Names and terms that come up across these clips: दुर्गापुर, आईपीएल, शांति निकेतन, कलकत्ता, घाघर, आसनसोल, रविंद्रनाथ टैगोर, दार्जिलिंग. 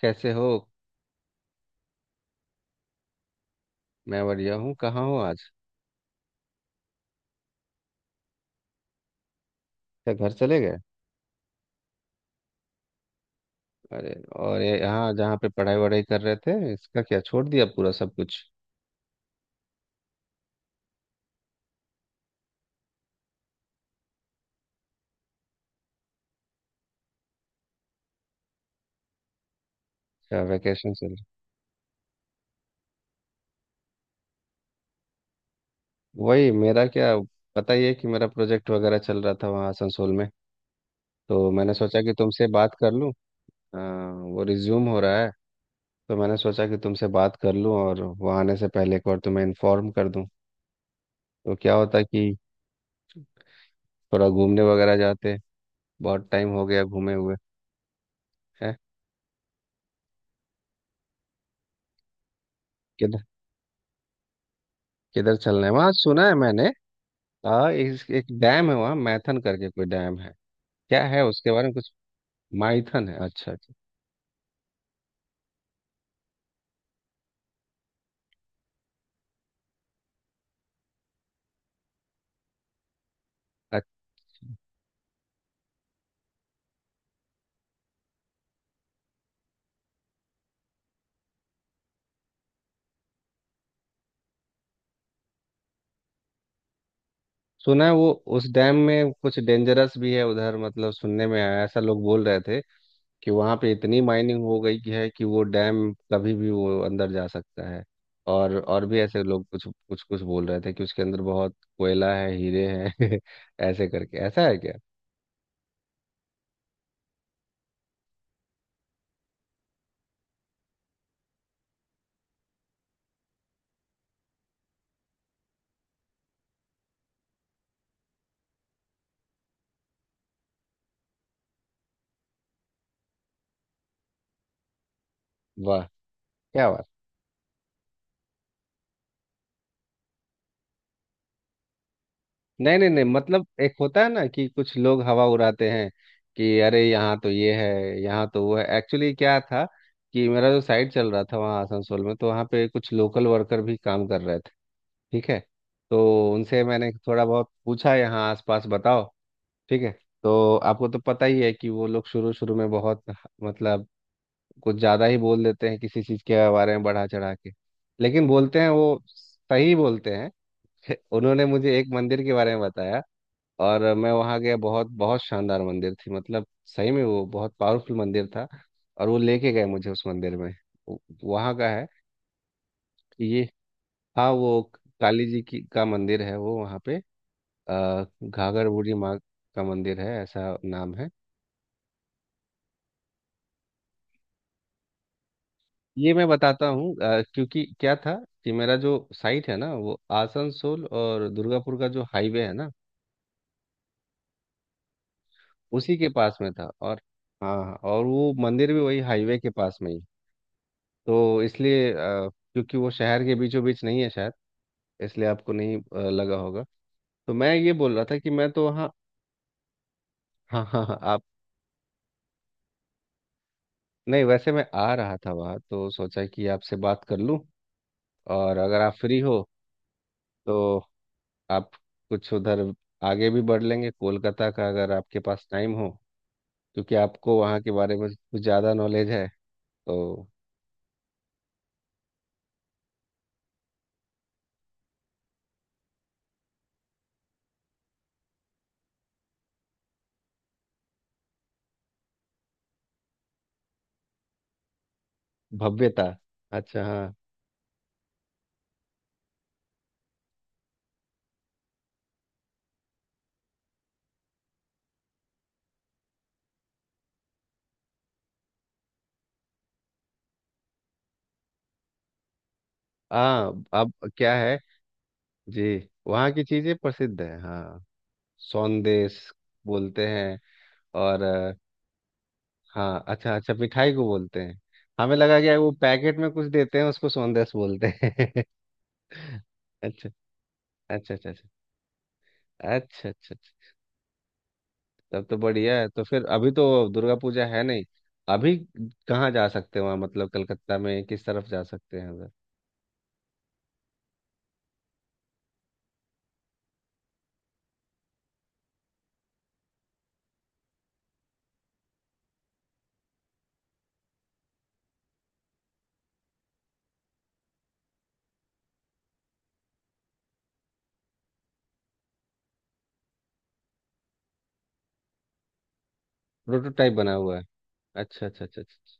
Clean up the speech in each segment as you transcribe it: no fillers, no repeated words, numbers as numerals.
कैसे हो। मैं बढ़िया हूँ। कहाँ हो आज? क्या घर चले गए? अरे। और ये यहाँ जहाँ पे पढ़ाई वढ़ाई कर रहे थे, इसका क्या छोड़ दिया पूरा सब कुछ? क्या वैकेशन चल रहा? वही मेरा क्या। पता ही है कि मेरा प्रोजेक्ट वगैरह चल रहा था वहाँ आसनसोल में। तो मैंने सोचा कि तुमसे बात कर लूँ। हाँ, वो रिज्यूम हो रहा है। तो मैंने सोचा कि तुमसे बात कर लूँ, और वहाँ आने से पहले एक बार तुम्हें इन्फॉर्म कर दूँ। तो क्या होता कि, थोड़ा घूमने वगैरह जाते। बहुत टाइम हो गया घूमे हुए। है। किधर? किधर चलना है? वहाँ सुना है मैंने। हाँ, एक डैम है वहाँ, मैथन करके कोई डैम है। क्या है उसके बारे में कुछ? माइथन है, अच्छा अच्छा। अ- सुना है वो, उस डैम में कुछ डेंजरस भी है उधर, मतलब सुनने में आया, ऐसा लोग बोल रहे थे कि वहाँ पे इतनी माइनिंग हो गई कि है कि वो डैम कभी भी वो अंदर जा सकता है। और भी ऐसे लोग कुछ कुछ कुछ बोल रहे थे कि उसके अंदर बहुत कोयला है, हीरे हैं ऐसे करके, ऐसा है क्या? वाह। क्या। नहीं नहीं नहीं, मतलब एक होता है ना कि कुछ लोग हवा उड़ाते हैं कि अरे यहाँ तो ये है, यहाँ तो वो है। एक्चुअली क्या था कि मेरा जो साइट चल रहा था वहाँ आसनसोल में, तो वहाँ पे कुछ लोकल वर्कर भी काम कर रहे थे। ठीक है। तो उनसे मैंने थोड़ा बहुत पूछा, यहाँ आसपास बताओ। ठीक है। तो आपको तो पता ही है कि वो लोग शुरू शुरू में बहुत, मतलब, कुछ ज़्यादा ही बोल देते हैं किसी चीज़ के बारे में, बढ़ा चढ़ा के। लेकिन बोलते हैं वो सही बोलते हैं। उन्होंने मुझे एक मंदिर के बारे में बताया, और मैं वहाँ गया। बहुत बहुत शानदार मंदिर थी, मतलब सही में वो बहुत पावरफुल मंदिर था। और वो लेके गए मुझे उस मंदिर में। वहाँ का है कि ये, हाँ वो काली जी की का मंदिर है वो वहाँ पे। घाघर बूढ़ी माँ का मंदिर है, ऐसा नाम है। ये मैं बताता हूँ, क्योंकि क्या था कि मेरा जो साइट है ना, वो आसनसोल और दुर्गापुर का जो हाईवे है ना, उसी के पास में था। और हाँ हाँ, और वो मंदिर भी वही हाईवे के पास में ही है। तो इसलिए, क्योंकि वो शहर के बीचों बीच नहीं है शायद, इसलिए आपको नहीं लगा होगा। तो मैं ये बोल रहा था कि मैं तो वहाँ, हाँ हाँ हाँ आप, नहीं वैसे मैं आ रहा था वहाँ तो सोचा कि आपसे बात कर लूँ। और अगर आप फ्री हो तो आप कुछ उधर आगे भी बढ़ लेंगे कोलकाता का, अगर आपके पास टाइम हो, क्योंकि आपको वहाँ के बारे में कुछ ज़्यादा नॉलेज है। तो भव्यता। अच्छा हाँ। हाँ अब क्या है। जी। वहाँ की चीज़ें प्रसिद्ध है हाँ। सौंदेश बोलते हैं। और हाँ, अच्छा अच्छा, मिठाई को बोलते हैं। हमें लगा कि वो पैकेट में कुछ देते हैं, उसको सौंदेश बोलते हैं। अच्छा अच्छा। अच्छा अच्छा अच्छा अच्छा अच्छा। तब तो बढ़िया है। तो फिर अभी तो दुर्गा पूजा है नहीं। अभी कहाँ जा सकते हैं वहाँ, मतलब कलकत्ता में किस तरफ जा सकते हैं उधर? प्रोटोटाइप बना हुआ है। अच्छा अच्छा अच्छा अच्छा अच्छा।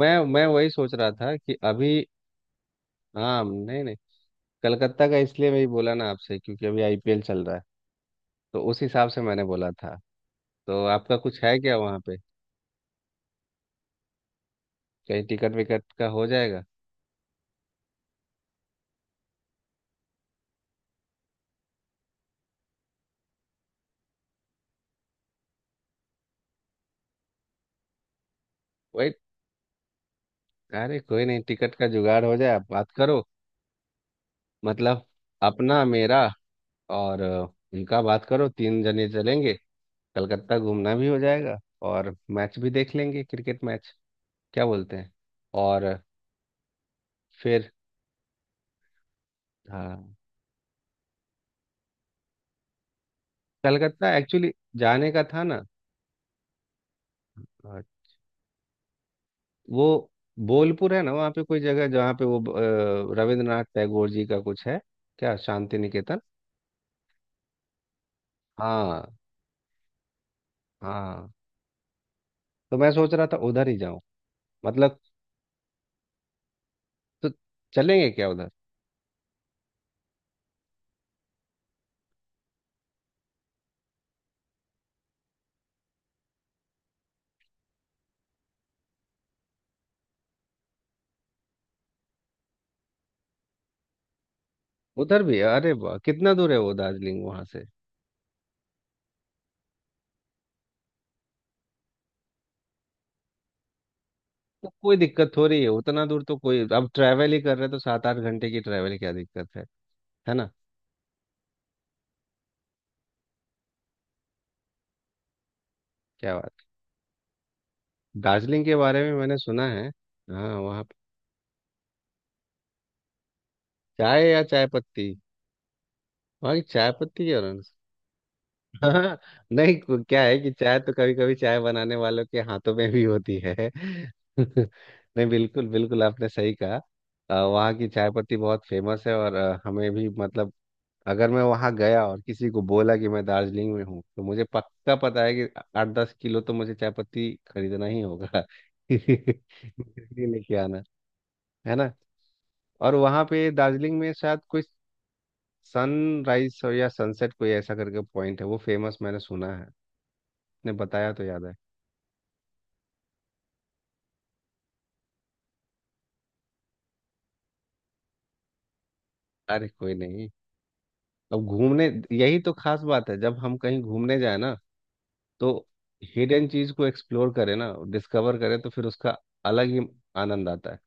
मैं वही सोच रहा था कि अभी, हाँ नहीं नहीं, कलकत्ता का इसलिए वही बोला ना आपसे, क्योंकि अभी आईपीएल चल रहा है, तो उस हिसाब से मैंने बोला था। तो आपका कुछ है क्या वहाँ पे? कहीं टिकट विकट का हो जाएगा। वही। अरे कोई नहीं, टिकट का जुगाड़ हो जाए, आप बात करो। मतलब अपना, मेरा, और उनका, बात करो, तीन जने चलेंगे। कलकत्ता घूमना भी हो जाएगा, और मैच भी देख लेंगे, क्रिकेट मैच क्या बोलते हैं। और फिर हाँ, कलकत्ता एक्चुअली जाने का था ना। अ, वो बोलपुर है ना वहाँ पे कोई जगह, जहाँ पे वो रविंद्रनाथ टैगोर जी का कुछ है, क्या शांति निकेतन। हाँ, हाँ। तो मैं सोच रहा था उधर ही जाऊं, मतलब। तो चलेंगे क्या उधर? उधर भी, अरे वाह, कितना दूर है वो दार्जिलिंग वहां से? तो कोई दिक्कत थोड़ी है उतना दूर, तो कोई, अब ट्रैवल ही कर रहे हैं तो सात आठ घंटे की ट्रैवल क्या दिक्कत है। है ना। क्या बात। दार्जिलिंग के बारे में मैंने सुना है। हाँ वहाँ पे, चाय या चाय पत्ती? वहाँ की चाय पत्ती क्या रंग। हाँ नहीं, क्या है कि चाय तो, कभी कभी चाय बनाने वालों के हाथों में भी होती है। नहीं बिल्कुल बिल्कुल, आपने सही कहा। वहाँ की चाय पत्ती बहुत फेमस है, और हमें भी मतलब, अगर मैं वहाँ गया और किसी को बोला कि मैं दार्जिलिंग में हूँ, तो मुझे पक्का पता है कि आठ दस किलो तो मुझे चाय पत्ती खरीदना ही होगा इसलिए लेके आना। है ना। और वहाँ पे दार्जिलिंग में शायद कोई सनराइज या सनसेट, कोई ऐसा करके पॉइंट है वो फेमस, मैंने सुना है, ने बताया तो याद है। अरे कोई नहीं। अब घूमने, यही तो खास बात है जब हम कहीं घूमने जाए ना, तो हिडन चीज को एक्सप्लोर करें ना, डिस्कवर करें, तो फिर उसका अलग ही आनंद आता है।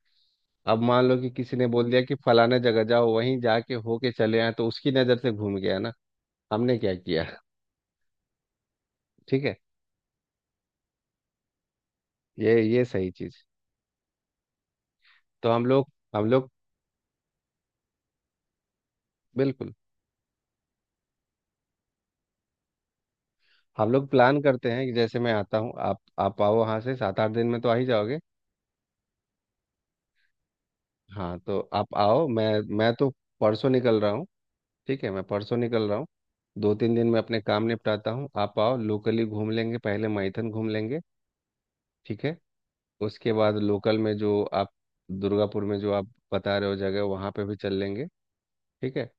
अब मान लो कि किसी ने बोल दिया कि फलाने जगह जाओ, वहीं जाके होके चले आए, तो उसकी नजर से घूम गया ना, हमने क्या किया। ठीक है, ये सही चीज। तो हम लोग बिल्कुल, हम लोग प्लान करते हैं कि जैसे मैं आता हूँ, आप आओ वहाँ से। सात आठ दिन में तो आ ही जाओगे। हाँ तो आप आओ, मैं तो परसों निकल रहा हूँ। ठीक है, मैं परसों निकल रहा हूँ। दो तीन दिन में अपने काम निपटाता हूँ, आप आओ, लोकली घूम लेंगे, पहले माइथन घूम लेंगे। ठीक है। उसके बाद लोकल में जो आप, दुर्गापुर में जो आप बता रहे हो जगह, वहाँ पे भी चल लेंगे। ठीक है।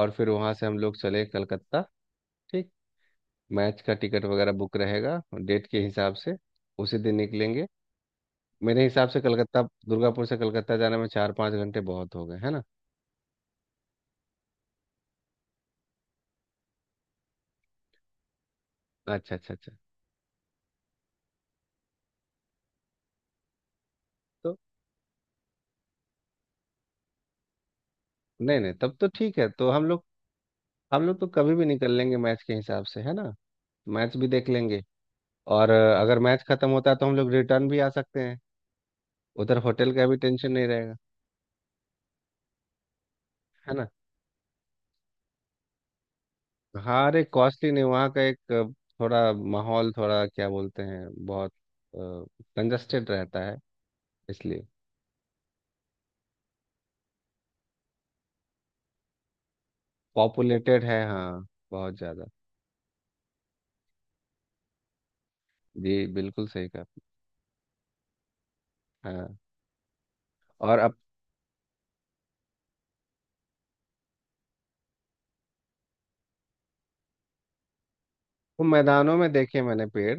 और फिर वहाँ से हम लोग चले कलकत्ता। ठीक। मैच का टिकट वगैरह बुक रहेगा, डेट के हिसाब से उसी दिन निकलेंगे। मेरे हिसाब से कलकत्ता, दुर्गापुर से कलकत्ता जाने में चार पाँच घंटे बहुत हो गए, है ना। अच्छा अच्छा अच्छा। तो नहीं नहीं, तब तो ठीक है। तो हम लोग, हम लोग तो कभी भी निकल लेंगे मैच के हिसाब से, है ना। मैच भी देख लेंगे। और अगर मैच खत्म होता है, तो हम लोग रिटर्न भी आ सकते हैं। उधर होटल का भी टेंशन नहीं रहेगा। है ना। हाँ अरे, कॉस्टली नहीं, वहाँ का एक थोड़ा माहौल, थोड़ा क्या बोलते हैं, बहुत कंजस्टेड रहता है, इसलिए। पॉपुलेटेड है हाँ, बहुत ज़्यादा। जी बिल्कुल सही कहा आपने। हाँ। और अब वो मैदानों में देखे मैंने पेड़।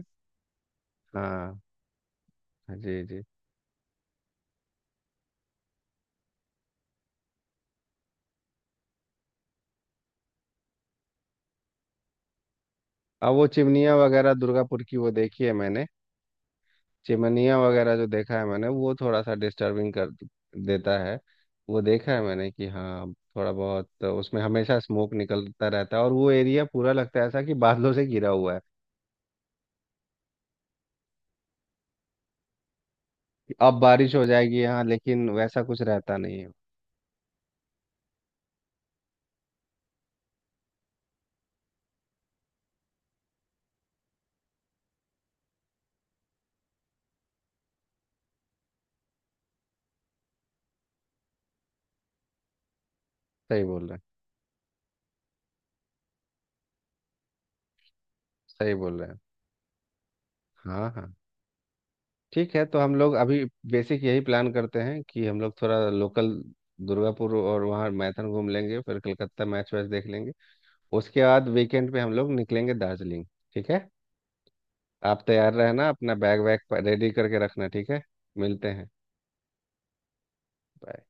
हाँ जी जी। अब वो चिमनियाँ वगैरह दुर्गापुर की वो देखी है मैंने। चिमनिया वगैरह जो देखा है मैंने, वो थोड़ा सा डिस्टर्बिंग कर देता है। वो देखा है मैंने कि हाँ, थोड़ा बहुत तो उसमें हमेशा स्मोक निकलता रहता है, और वो एरिया पूरा लगता है ऐसा कि बादलों से घिरा हुआ है, कि अब बारिश हो जाएगी यहाँ, लेकिन वैसा कुछ रहता नहीं है। सही बोल रहे हैं, सही बोल रहे हैं। हाँ हाँ। ठीक है, तो हम लोग अभी बेसिक यही प्लान करते हैं कि हम लोग थोड़ा लोकल दुर्गापुर और वहाँ मैथन घूम लेंगे, फिर कलकत्ता मैच वैच देख लेंगे, उसके बाद वीकेंड पे हम लोग निकलेंगे दार्जिलिंग। ठीक है। आप तैयार रहना, अपना बैग वैग रेडी करके रखना, ठीक है। मिलते हैं। Bye.